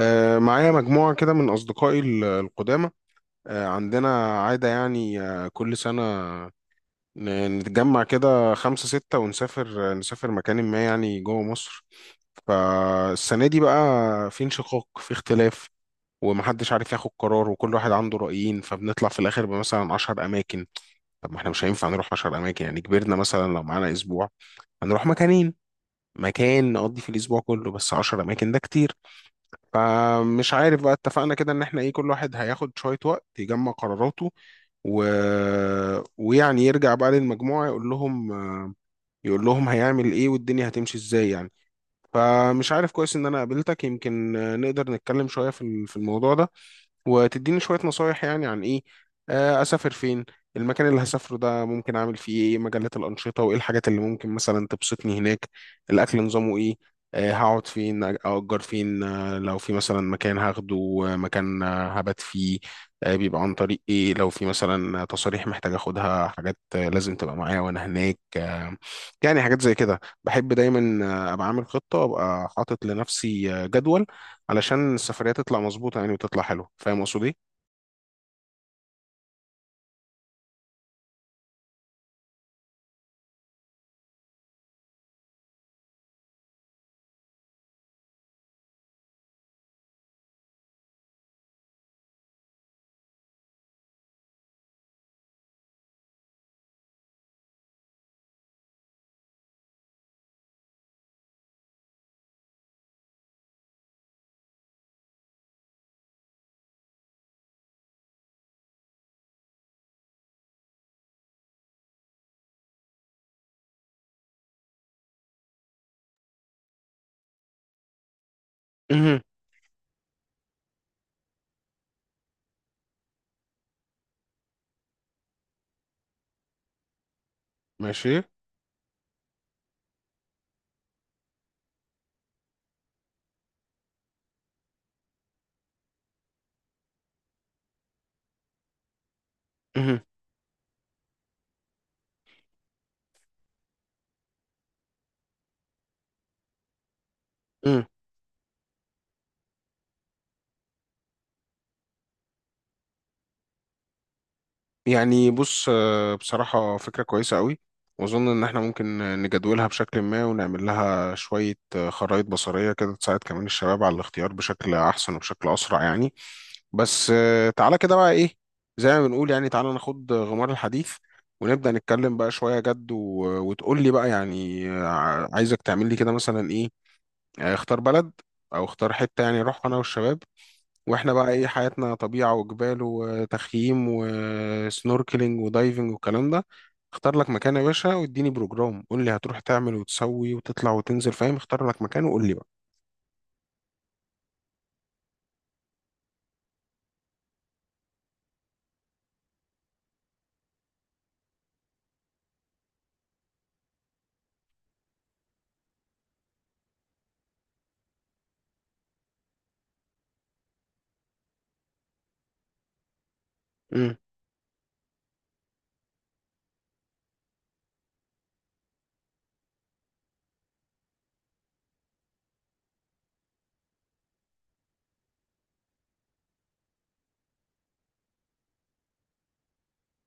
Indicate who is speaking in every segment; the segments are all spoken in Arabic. Speaker 1: معايا مجموعة كده من أصدقائي القدامى. عندنا عادة يعني كل سنة، نتجمع كده خمسة ستة ونسافر، نسافر مكان ما يعني جوه مصر. فالسنة دي بقى في انشقاق، في اختلاف، ومحدش عارف ياخد قرار، وكل واحد عنده رأيين، فبنطلع في الآخر بمثلا 10 أماكن. طب ما احنا مش هينفع نروح 10 أماكن يعني، كبرنا، مثلا لو معانا أسبوع هنروح مكانين، مكان نقضي في الأسبوع كله، بس 10 أماكن ده كتير. فمش عارف، بقى اتفقنا كده ان احنا ايه، كل واحد هياخد شوية وقت يجمع قراراته و... ويعني يرجع بقى للمجموعة يقول لهم هيعمل ايه والدنيا هتمشي ازاي يعني. فمش عارف، كويس ان انا قابلتك، يمكن نقدر نتكلم شوية في الموضوع ده، وتديني شوية نصايح يعني، عن إيه، أسافر فين، المكان اللي هسافره ده ممكن أعمل فيه إيه، مجالات الأنشطة، وإيه الحاجات اللي ممكن مثلا تبسطني هناك، الأكل نظامه إيه، هقعد فين، أأجر فين، لو في مثلا مكان هاخده، مكان هبات فيه، بيبقى عن طريق إيه، لو في مثلا تصاريح محتاج أخدها، حاجات لازم تبقى معايا وأنا هناك يعني حاجات زي كده بحب دايما أبقى عامل خطة، أبقى حاطط لنفسي جدول، علشان السفرية تطلع مظبوطة يعني، وتطلع حلوة. فاهم قصدي؟ مهم. ماشي. مهم. مم. يعني بص، بصراحة فكرة كويسة قوي، وأظن إن إحنا ممكن نجدولها بشكل ما، ونعمل لها شوية خرائط بصرية كده، تساعد كمان الشباب على الاختيار بشكل أحسن وبشكل أسرع يعني. بس تعالى كده بقى إيه، زي ما بنقول يعني، تعالى ناخد غمار الحديث، ونبدأ نتكلم بقى شوية جد وتقول لي بقى، يعني عايزك تعمل لي كده مثلا إيه، يعني اختار بلد، او اختار حته، يعني نروح انا والشباب، واحنا بقى ايه، حياتنا طبيعه وجبال وتخييم وسنوركلينج ودايفنج والكلام ده. اختار لك مكان يا باشا، واديني بروجرام، قول لي هتروح تعمل وتسوي وتطلع وتنزل، فاهم؟ اختار لك مكان وقول لي بقى. امم.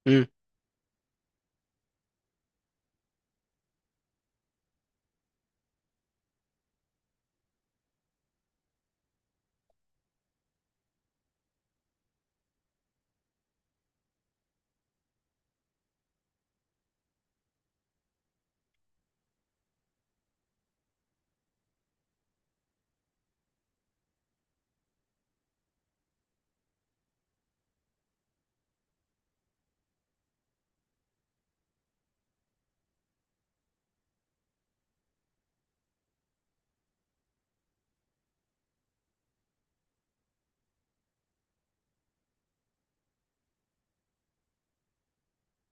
Speaker 1: امم.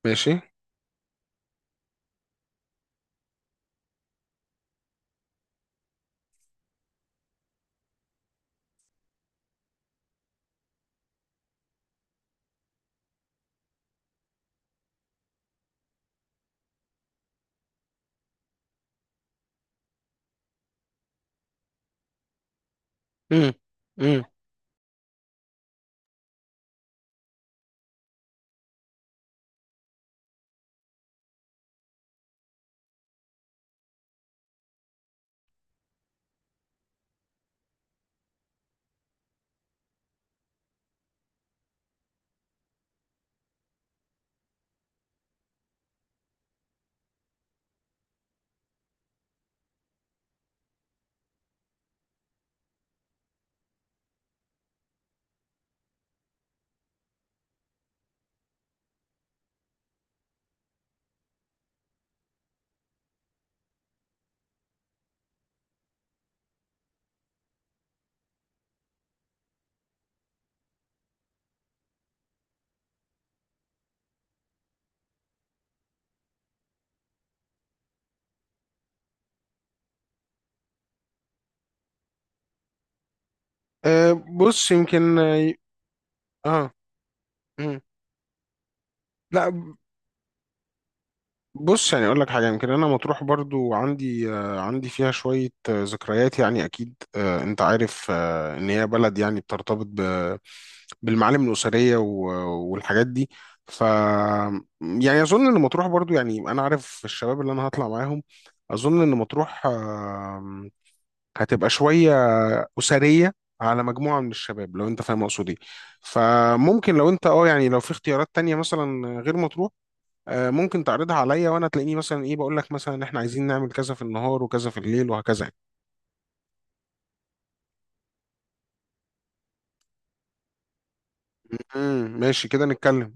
Speaker 1: ماشي. امم. امم. أه، بص يمكن. اه. مم. لا، بص يعني اقول لك حاجه، يمكن انا مطروح برضو عندي فيها شويه ذكريات يعني، اكيد انت عارف ان هي بلد يعني بترتبط بالمعالم الاسريه، والحاجات دي. ف يعني اظن ان مطروح برضو يعني، انا عارف الشباب اللي انا هطلع معاهم، اظن ان مطروح هتبقى شويه اسريه على مجموعه من الشباب، لو انت فاهم اقصد ايه. فممكن لو انت يعني، لو في اختيارات تانية مثلا غير مطروح، ممكن تعرضها عليا، وانا تلاقيني مثلا ايه، بقول لك مثلا ان احنا عايزين نعمل كذا في النهار وكذا في الليل وهكذا يعني. امم. ماشي كده نتكلم.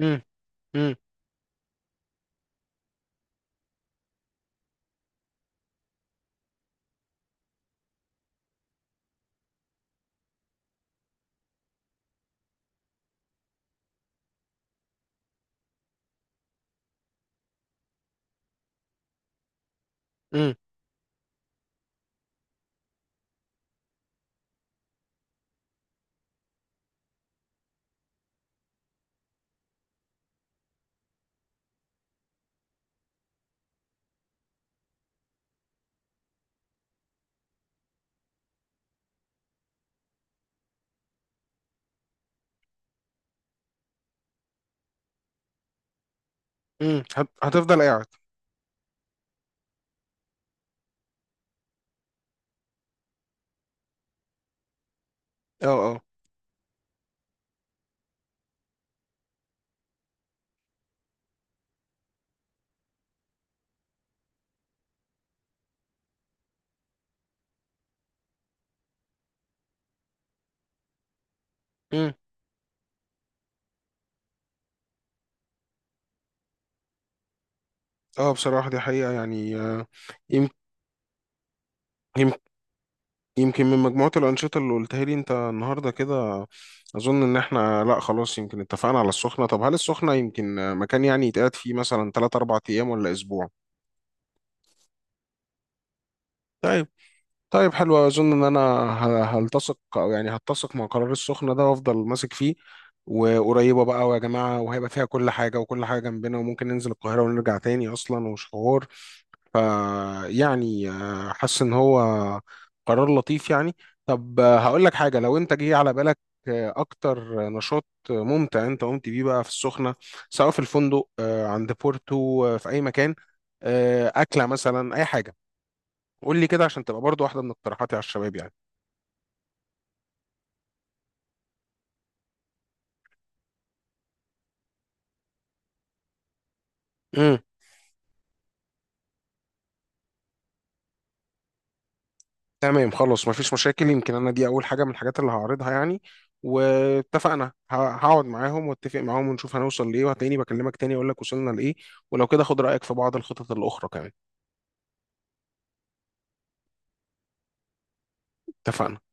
Speaker 1: امم. امم. امم. امم. هتفضل قاعد. اه. اه. امم. اه، بصراحة دي حقيقة يعني يم- يم- يمكن من مجموعة الأنشطة اللي قلتها لي أنت النهاردة كده، أظن إن إحنا لأ، خلاص يمكن اتفقنا على السخنة. طب هل السخنة يمكن مكان يعني يتقعد فيه مثلا تلات أربع أيام، ولا أسبوع؟ طيب. طيب، حلو، اظن ان انا هلتصق، او يعني هتسق مع قرار السخنه ده، وافضل ماسك فيه، وقريبه بقى ويا جماعه، وهيبقى فيها كل حاجه، وكل حاجه جنبنا، وممكن ننزل القاهره ونرجع تاني اصلا، ومش حوار. ف يعني حاسس ان هو قرار لطيف يعني. طب هقول لك حاجه، لو انت جه على بالك اكتر نشاط ممتع انت قمت بيه بقى في السخنه، سواء في الفندق، عند بورتو، في اي مكان، اكله مثلا، اي حاجه، قول لي كده عشان تبقى برضو واحدة من اقتراحاتي على الشباب يعني. امم. تمام. خلاص مفيش مشاكل، يمكن انا دي اول حاجة من الحاجات اللي هعرضها يعني. واتفقنا. هقعد معاهم واتفق معاهم ونشوف هنوصل لايه، وهتلاقيني بكلمك تاني اقول لك وصلنا لايه، ولو كده خد رأيك في بعض الخطط الأخرى كمان. اتفقنا.